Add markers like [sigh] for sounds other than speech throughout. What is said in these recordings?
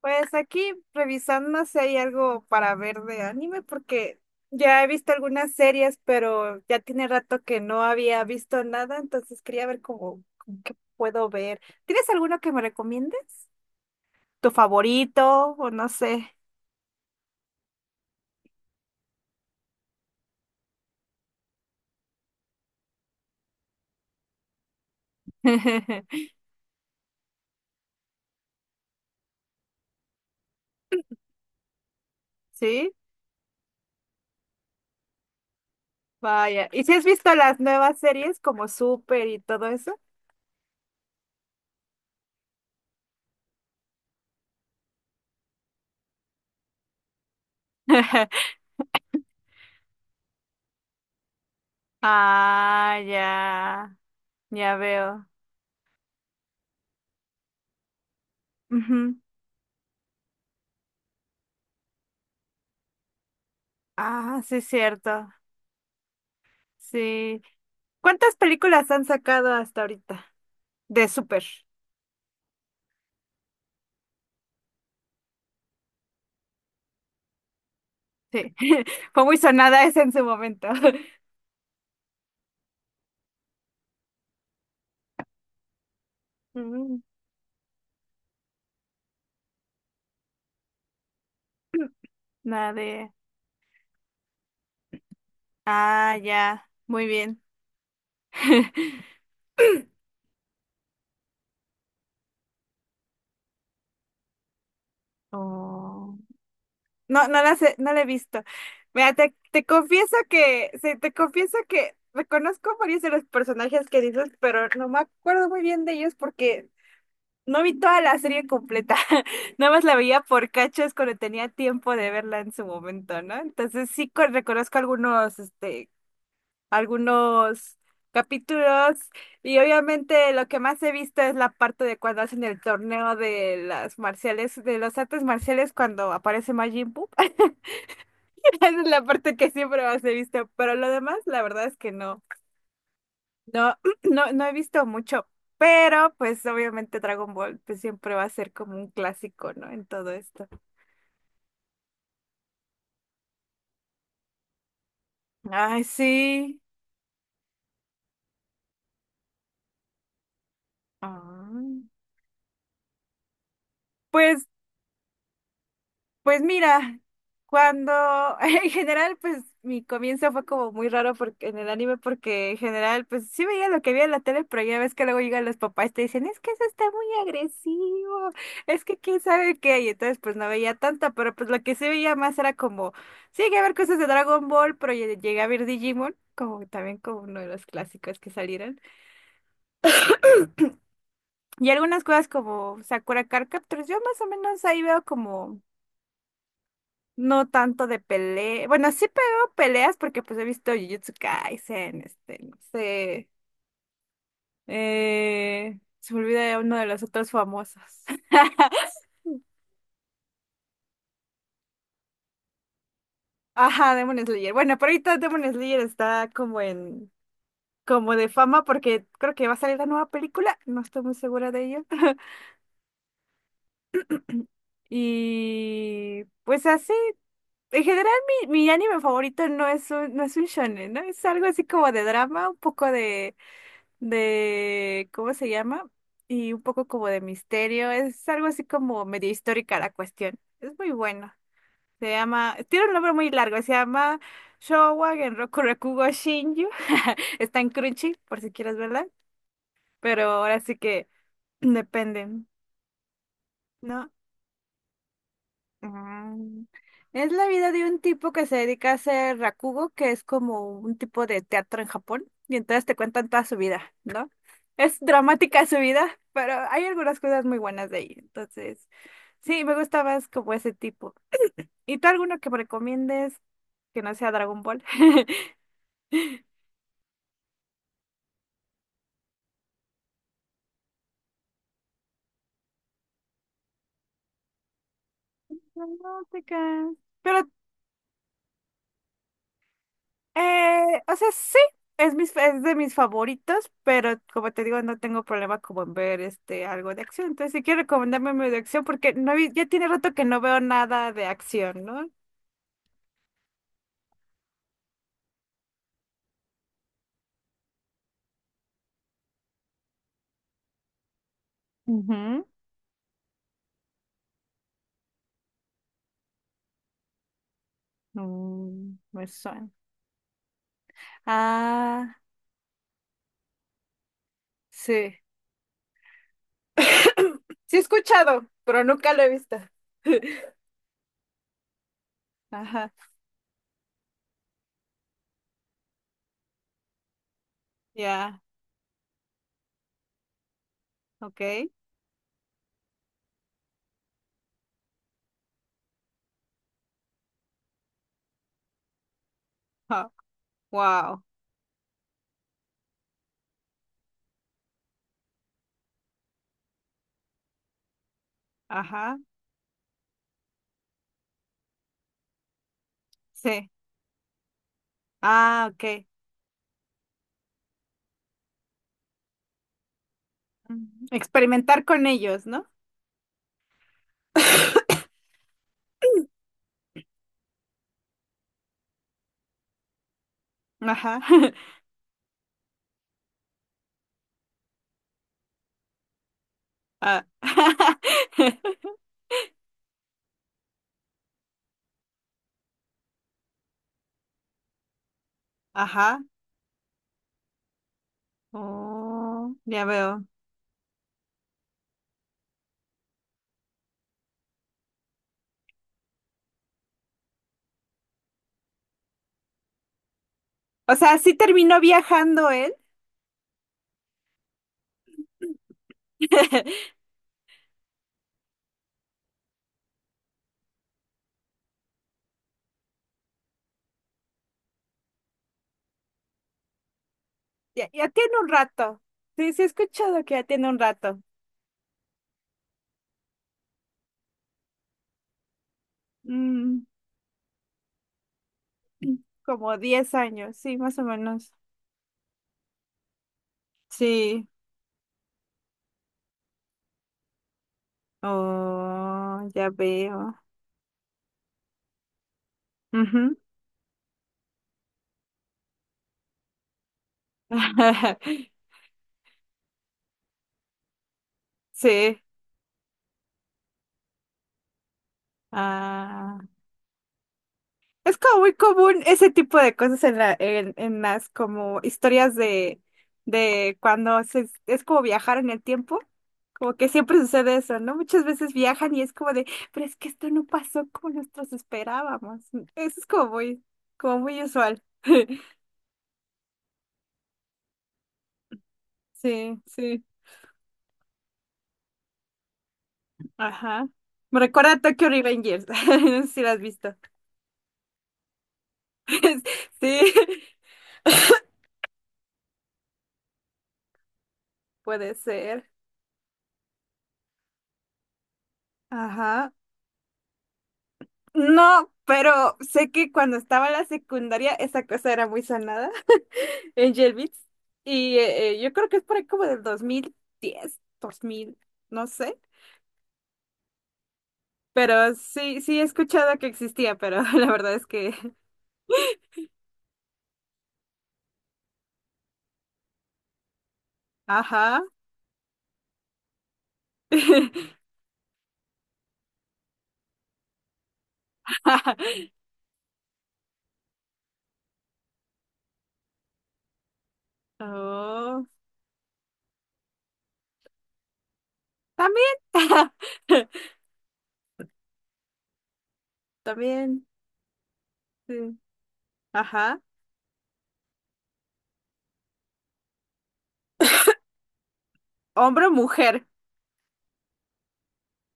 Pues aquí revisando si hay algo para ver de anime, porque ya he visto algunas series, pero ya tiene rato que no había visto nada, entonces quería ver cómo qué puedo ver. ¿Tienes alguno que me recomiendes? ¿Tu favorito? O no sé. [laughs] ¿Sí? Vaya. ¿Y si has visto las nuevas series como Super y todo eso? [laughs] Ah, ya, ya veo. Ujú. Ah, sí, es cierto. Sí. ¿Cuántas películas han sacado hasta ahorita de Super? Sí, [laughs] fue muy sonada esa en su momento. [laughs] Mm. Nada de... Ah, ya, muy bien. [laughs] Oh, no, no las he, no la he visto. Mira, te confieso que, sí, te confieso que reconozco varios de los personajes que dices, pero no me acuerdo muy bien de ellos porque no vi toda la serie completa, [laughs] nada más la veía por cachos cuando tenía tiempo de verla en su momento, ¿no? Entonces sí co- reconozco algunos, este, algunos capítulos y obviamente lo que más he visto es la parte de cuando hacen el torneo de las marciales, de los artes marciales cuando aparece Majin Buu. [laughs] Esa es la parte que siempre más he visto, pero lo demás la verdad es que no. No, [clears throat] no, no he visto mucho, pero pues obviamente Dragon Ball pues siempre va a ser como un clásico, ¿no? En todo esto. Ay, sí. Ah. Pues. Pues mira, cuando [laughs] en general, pues mi comienzo fue como muy raro porque en el anime, porque en general, pues sí veía lo que veía en la tele, pero ya ves que luego llegan los papás y te dicen, es que eso está muy agresivo, es que quién sabe qué, y entonces pues no veía tanto, pero pues lo que sí veía más era como, sí llegué a ver cosas de Dragon Ball, pero llegué a ver Digimon, como también como uno de los clásicos que salieron, y algunas cosas como Sakura Card Captors, yo más o menos ahí veo como no tanto de pelea. Bueno, sí pero peleas porque pues he visto Jujutsu Kaisen, este, no sé. Se me olvida ya uno de los otros famosos. [laughs] Ajá, Demon Slayer. Bueno, pero ahorita Demon Slayer está como en, como de fama porque creo que va a salir la nueva película. No estoy muy segura de ello. [laughs] Y pues así, en general mi anime favorito no es un, no es un shonen, ¿no? Es algo así como de drama, un poco de, ¿cómo se llama? Y un poco como de misterio, es algo así como medio histórica la cuestión. Es muy bueno. Se llama, tiene un nombre muy largo, se llama Showa Genroku Rakugo Shinju. [laughs] Está en Crunchy, por si quieres verla, pero ahora sí que [clears throat] depende, ¿no? Ah, es la vida de un tipo que se dedica a hacer rakugo, que es como un tipo de teatro en Japón, y entonces te cuentan toda su vida, ¿no? Es dramática su vida, pero hay algunas cosas muy buenas de ahí. Entonces, sí, me gusta más como ese tipo. ¿Y tú alguno que me recomiendes que no sea Dragon Ball? [laughs] Dramática. Pero o sea, sí, es, mis, es de mis favoritos, pero como te digo, no tengo problema como en ver este algo de acción. Entonces, si quieres recomendarme medio de acción, porque no, vi- ya tiene rato que no veo nada de acción, ¿no? Ujú. Mm, me suena. Ah, sí. [coughs] [clears throat] Sí he escuchado, pero nunca lo he visto. [laughs] Ajá, ya, ok. Ja, wow, ajá, sí. Ah, ok. Ujú. Experimentar con ellos, ¿no? [laughs] Ajá. Ah. [laughs] Ajá. Oh, ya veo. O sea, sí terminó viajando él. [laughs] Ya, ya tiene un rato. Sí, sí he escuchado que ya tiene un rato. Mm, [clears throat] como 10 años, sí, más o menos. Sí. Oh, ya veo. Ujú. [laughs] Sí. Ah. Es como muy común ese tipo de cosas en la, en las como historias de cuando se, es como viajar en el tiempo. Como que siempre sucede eso, ¿no? Muchas veces viajan y es como de, pero es que esto no pasó como nosotros esperábamos. Eso es como muy usual. [laughs] Sí, sí. Ajá. Me recuerda a Tokyo Revengers. [laughs] No sé si lo has visto. [laughs] Sí, puede ser. Ajá. No, pero sé que cuando estaba en la secundaria esa cosa era muy sonada [laughs] en Beats. Y yo creo que es por ahí como del 2010 2000 no sé. Pero sí, sí he escuchado que existía, pero [laughs] la verdad es que... Ajá. [laughs] Oh, también. [laughs] También, sí. Ajá. ¿Hombre o mujer?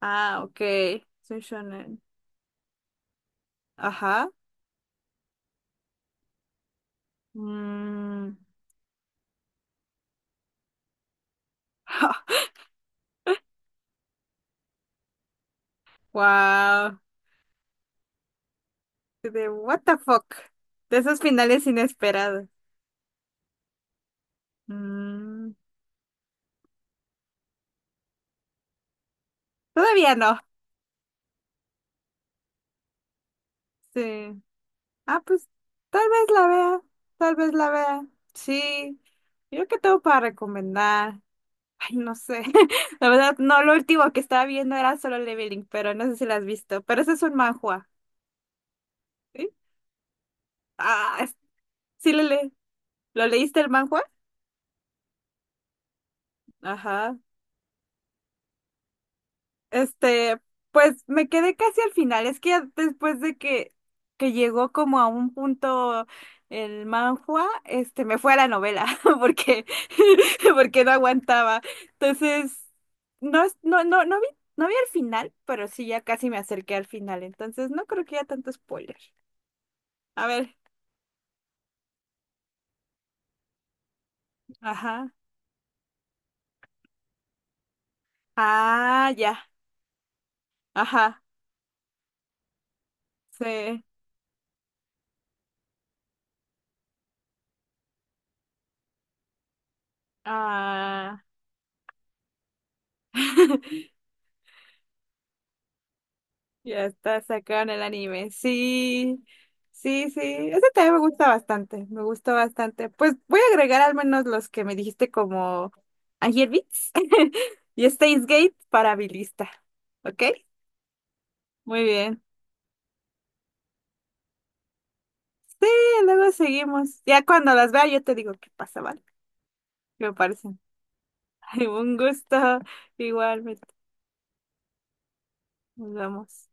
Ah, ok. Soy shonen. Ajá. Mm. [laughs] Wow. De what the fuck. De esos finales inesperados. Mm, todavía no. Sí. Ah, pues tal vez la vea. Tal vez la vea. Sí. Yo que tengo para recomendar. Ay, no sé. [laughs] La verdad, no, lo último que estaba viendo era Solo Leveling, pero no sé si la has visto. Pero ese es un manhua. ¿Sí? Ah, es- sí le le. ¿Lo leíste el manhua? Ajá. Este, pues me quedé casi al final. Es que ya después de que llegó como a un punto el manhua, este, me fue a la novela [laughs] porque, [laughs] porque no aguantaba. Entonces, no, es- no, no vi, no vi el final, pero sí ya casi me acerqué al final. Entonces, no creo que haya tanto spoiler. A ver, ajá. Ah, ya, ajá. Sí. Ah. [laughs] Ya está sacado en el anime. Sí, sí, sí. Ese también me gusta bastante. Me gustó bastante. Pues voy a agregar al menos los que me dijiste como Angel Beats [laughs] y Steins Gate para mi lista. ¿Ok? Muy bien. Sí, luego seguimos. Ya cuando las vea yo te digo qué pasa, ¿vale? ¿Qué me parecen? [laughs] Un gusto. Igualmente. Nos vemos.